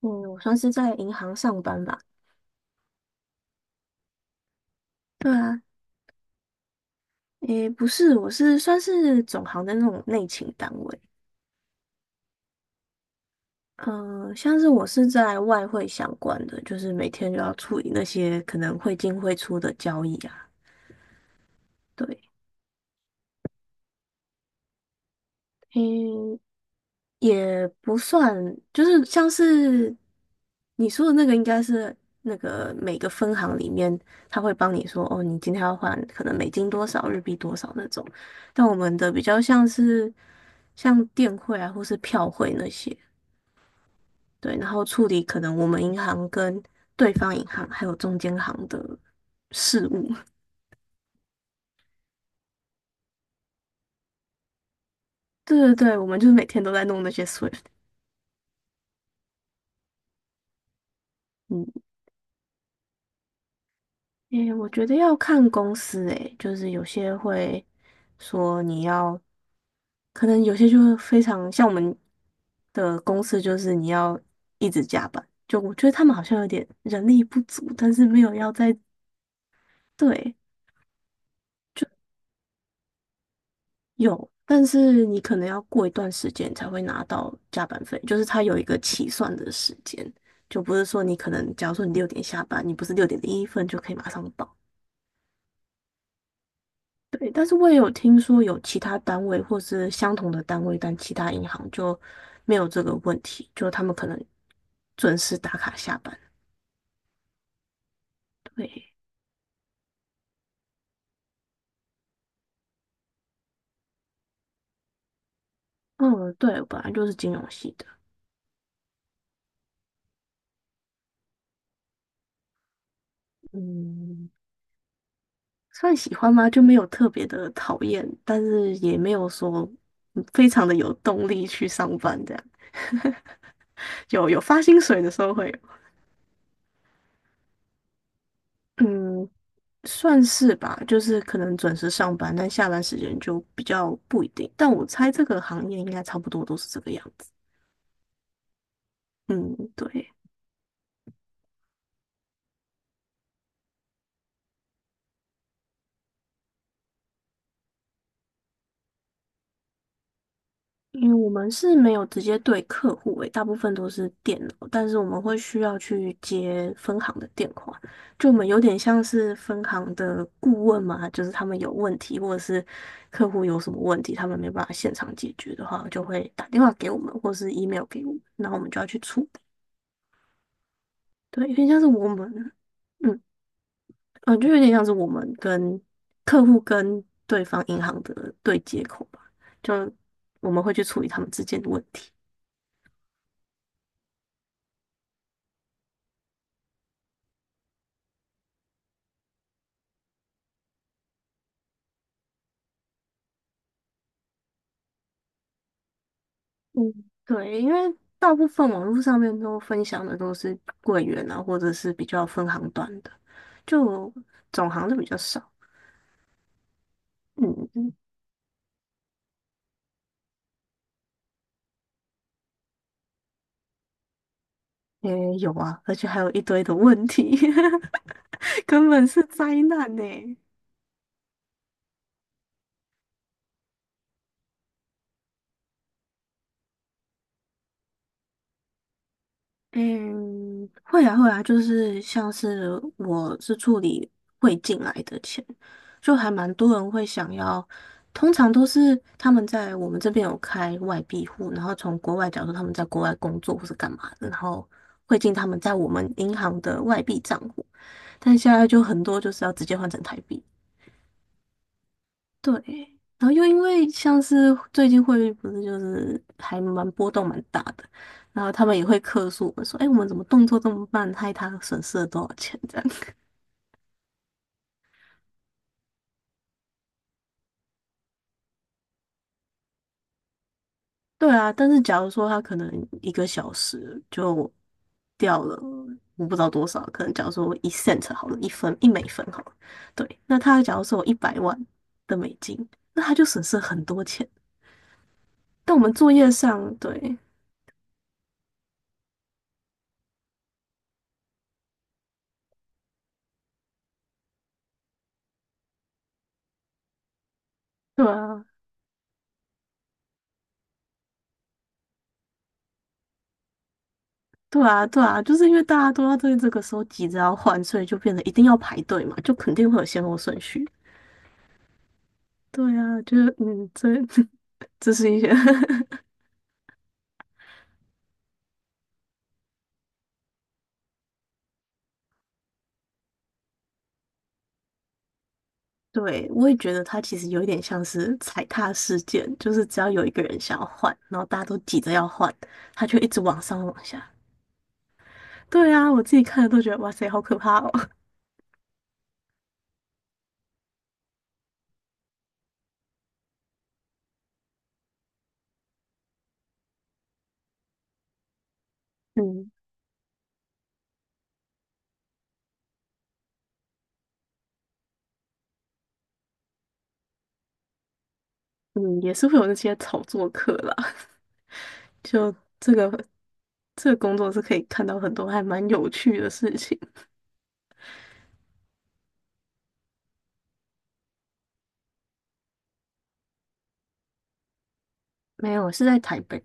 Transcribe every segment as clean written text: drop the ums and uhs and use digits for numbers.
嗯，我算是在银行上班吧。对啊，诶，不是，我是算是总行的那种内勤单位。嗯、像是我是在外汇相关的，就是每天就要处理那些可能汇进汇出的交易啊。对，嗯。也不算，就是像是你说的那个，应该是那个每个分行里面，他会帮你说，哦，你今天要换可能美金多少，日币多少那种。但我们的比较像是像电汇啊，或是票汇那些，对，然后处理可能我们银行跟对方银行还有中间行的事务。对对对，我们就是每天都在弄那些 SWIFT。嗯。诶，我觉得要看公司诶，就是有些会说你要，可能有些就非常像我们的公司，就是你要一直加班。就我觉得他们好像有点人力不足，但是没有要在，对，有，但是你可能要过一段时间才会拿到加班费，就是它有一个起算的时间，就不是说你可能假如说你六点下班，你不是6:01分就可以马上到。对，但是我也有听说有其他单位或是相同的单位，但其他银行就没有这个问题，就他们可能准时打卡下班。对，嗯，对，我本来就是金融系的，嗯，算喜欢吗？就没有特别的讨厌，但是也没有说非常的有动力去上班这样。有发薪水的时候会有，嗯，算是吧，就是可能准时上班，但下班时间就比较不一定。但我猜这个行业应该差不多都是这个样子。嗯，对，因为我们是没有直接对客户诶，大部分都是电脑，但是我们会需要去接分行的电话，就我们有点像是分行的顾问嘛，就是他们有问题或者是客户有什么问题，他们没办法现场解决的话，就会打电话给我们或是 email 给我们，然后我们就要去处理。对，有点像是我们。嗯，嗯，就有点像是我们跟客户跟对方银行的对接口吧，就我们会去处理他们之间的问题。嗯，对，因为大部分网络上面都分享的都是柜员啊，或者是比较分行端的，就总行的比较少。嗯，也有啊，而且还有一堆的问题，根本是灾难呢。嗯，会啊会啊，就是像是我是处理汇进来的钱，就还蛮多人会想要，通常都是他们在我们这边有开外币户，然后从国外，假如说他们在国外工作或是干嘛的，然后汇进他们在我们银行的外币账户，但现在就很多就是要直接换成台币。对，然后又因为像是最近汇率不是就是还蛮波动蛮大的，然后他们也会客诉我们说，哎，我们怎么动作这么慢，害他损失了多少钱这样。对啊，但是假如说他可能一个小时就掉了，我不知道多少，可能假如说一 cent 好了，一分一美分好了，对，那他假如说有100万的美金，那他就损失了很多钱。但我们作业上，对对啊，对啊，对啊，就是因为大家都要对这个时候急着要换，所以就变得一定要排队嘛，就肯定会有先后顺序。对啊，就是嗯，这 这是一些 对，我也觉得它其实有一点像是踩踏事件，就是只要有一个人想要换，然后大家都急着要换，他就一直往上往下。对啊，我自己看了都觉得哇塞，好可怕哦。嗯嗯，也是会有那些炒作客啦，就这个这个工作是可以看到很多还蛮有趣的事情。没有，是在台北。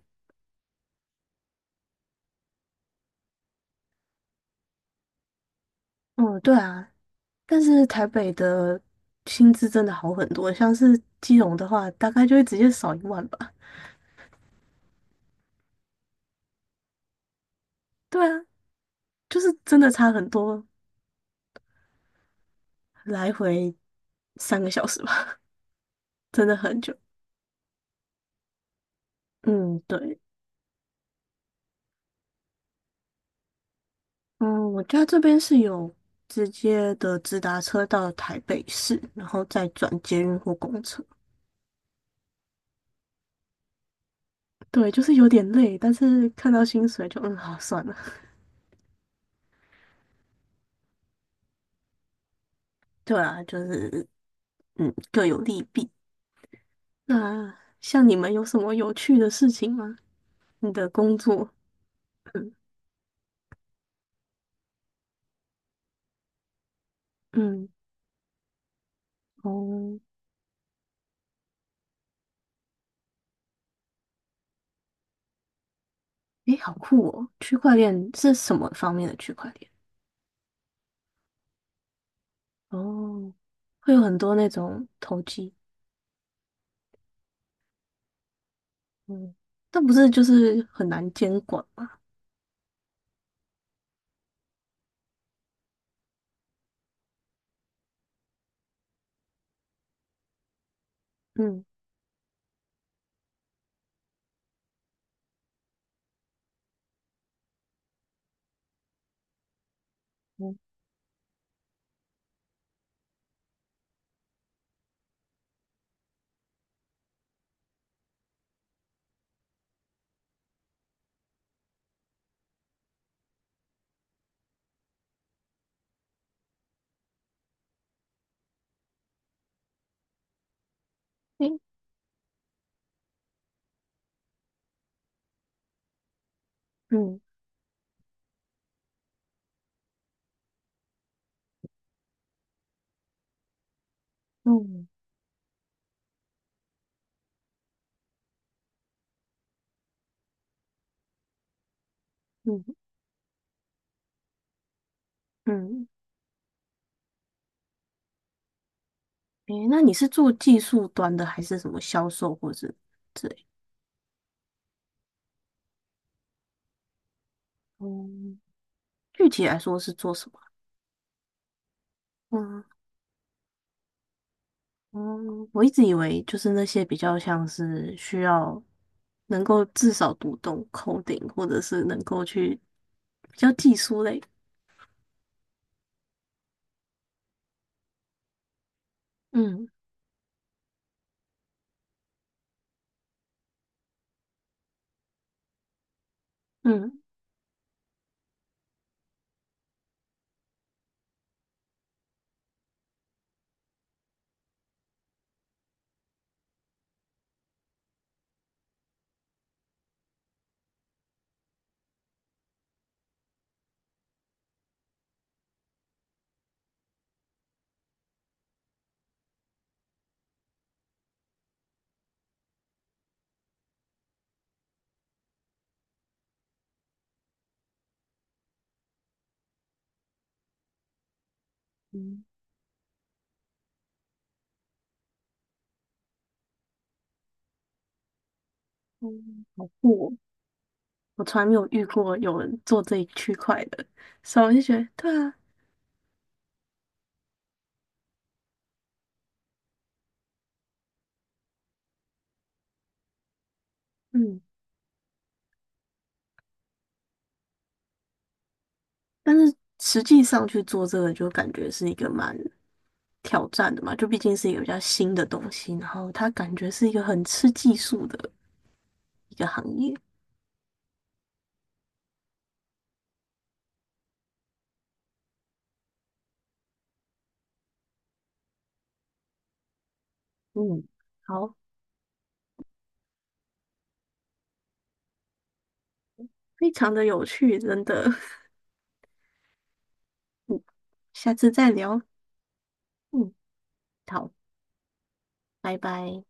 嗯，对啊，但是台北的薪资真的好很多，像是基隆的话，大概就会直接少1万吧。对啊，就是真的差很多，来回3个小时吧，真的很久。嗯，对，嗯，我家这边是有直接的直达车到台北市，然后再转捷运或公车。对，就是有点累，但是看到薪水就嗯，好算了。对啊，就是嗯，各有利弊。那像你们有什么有趣的事情吗？你的工作？嗯嗯哦，诶，好酷哦！区块链是什么方面的区块链？哦，会有很多那种投机，嗯，但不是就是很难监管吗？嗯嗯诶嗯嗯嗯嗯，诶，那你是做技术端的还是什么销售或者之类？哦，具体来说是做什么？嗯。嗯，我一直以为就是那些比较像是需要能够至少读懂 coding,或者是能够去比较技术类。嗯嗯嗯，嗯，好酷哦！我从来没有遇过有人做这一区块的，所以我就觉得对啊，嗯，但是实际上去做这个就感觉是一个蛮挑战的嘛，就毕竟是一家新的东西，然后它感觉是一个很吃技术的一个行业。嗯，好。非常的有趣，真的。嗯下次再聊。嗯，好，拜拜。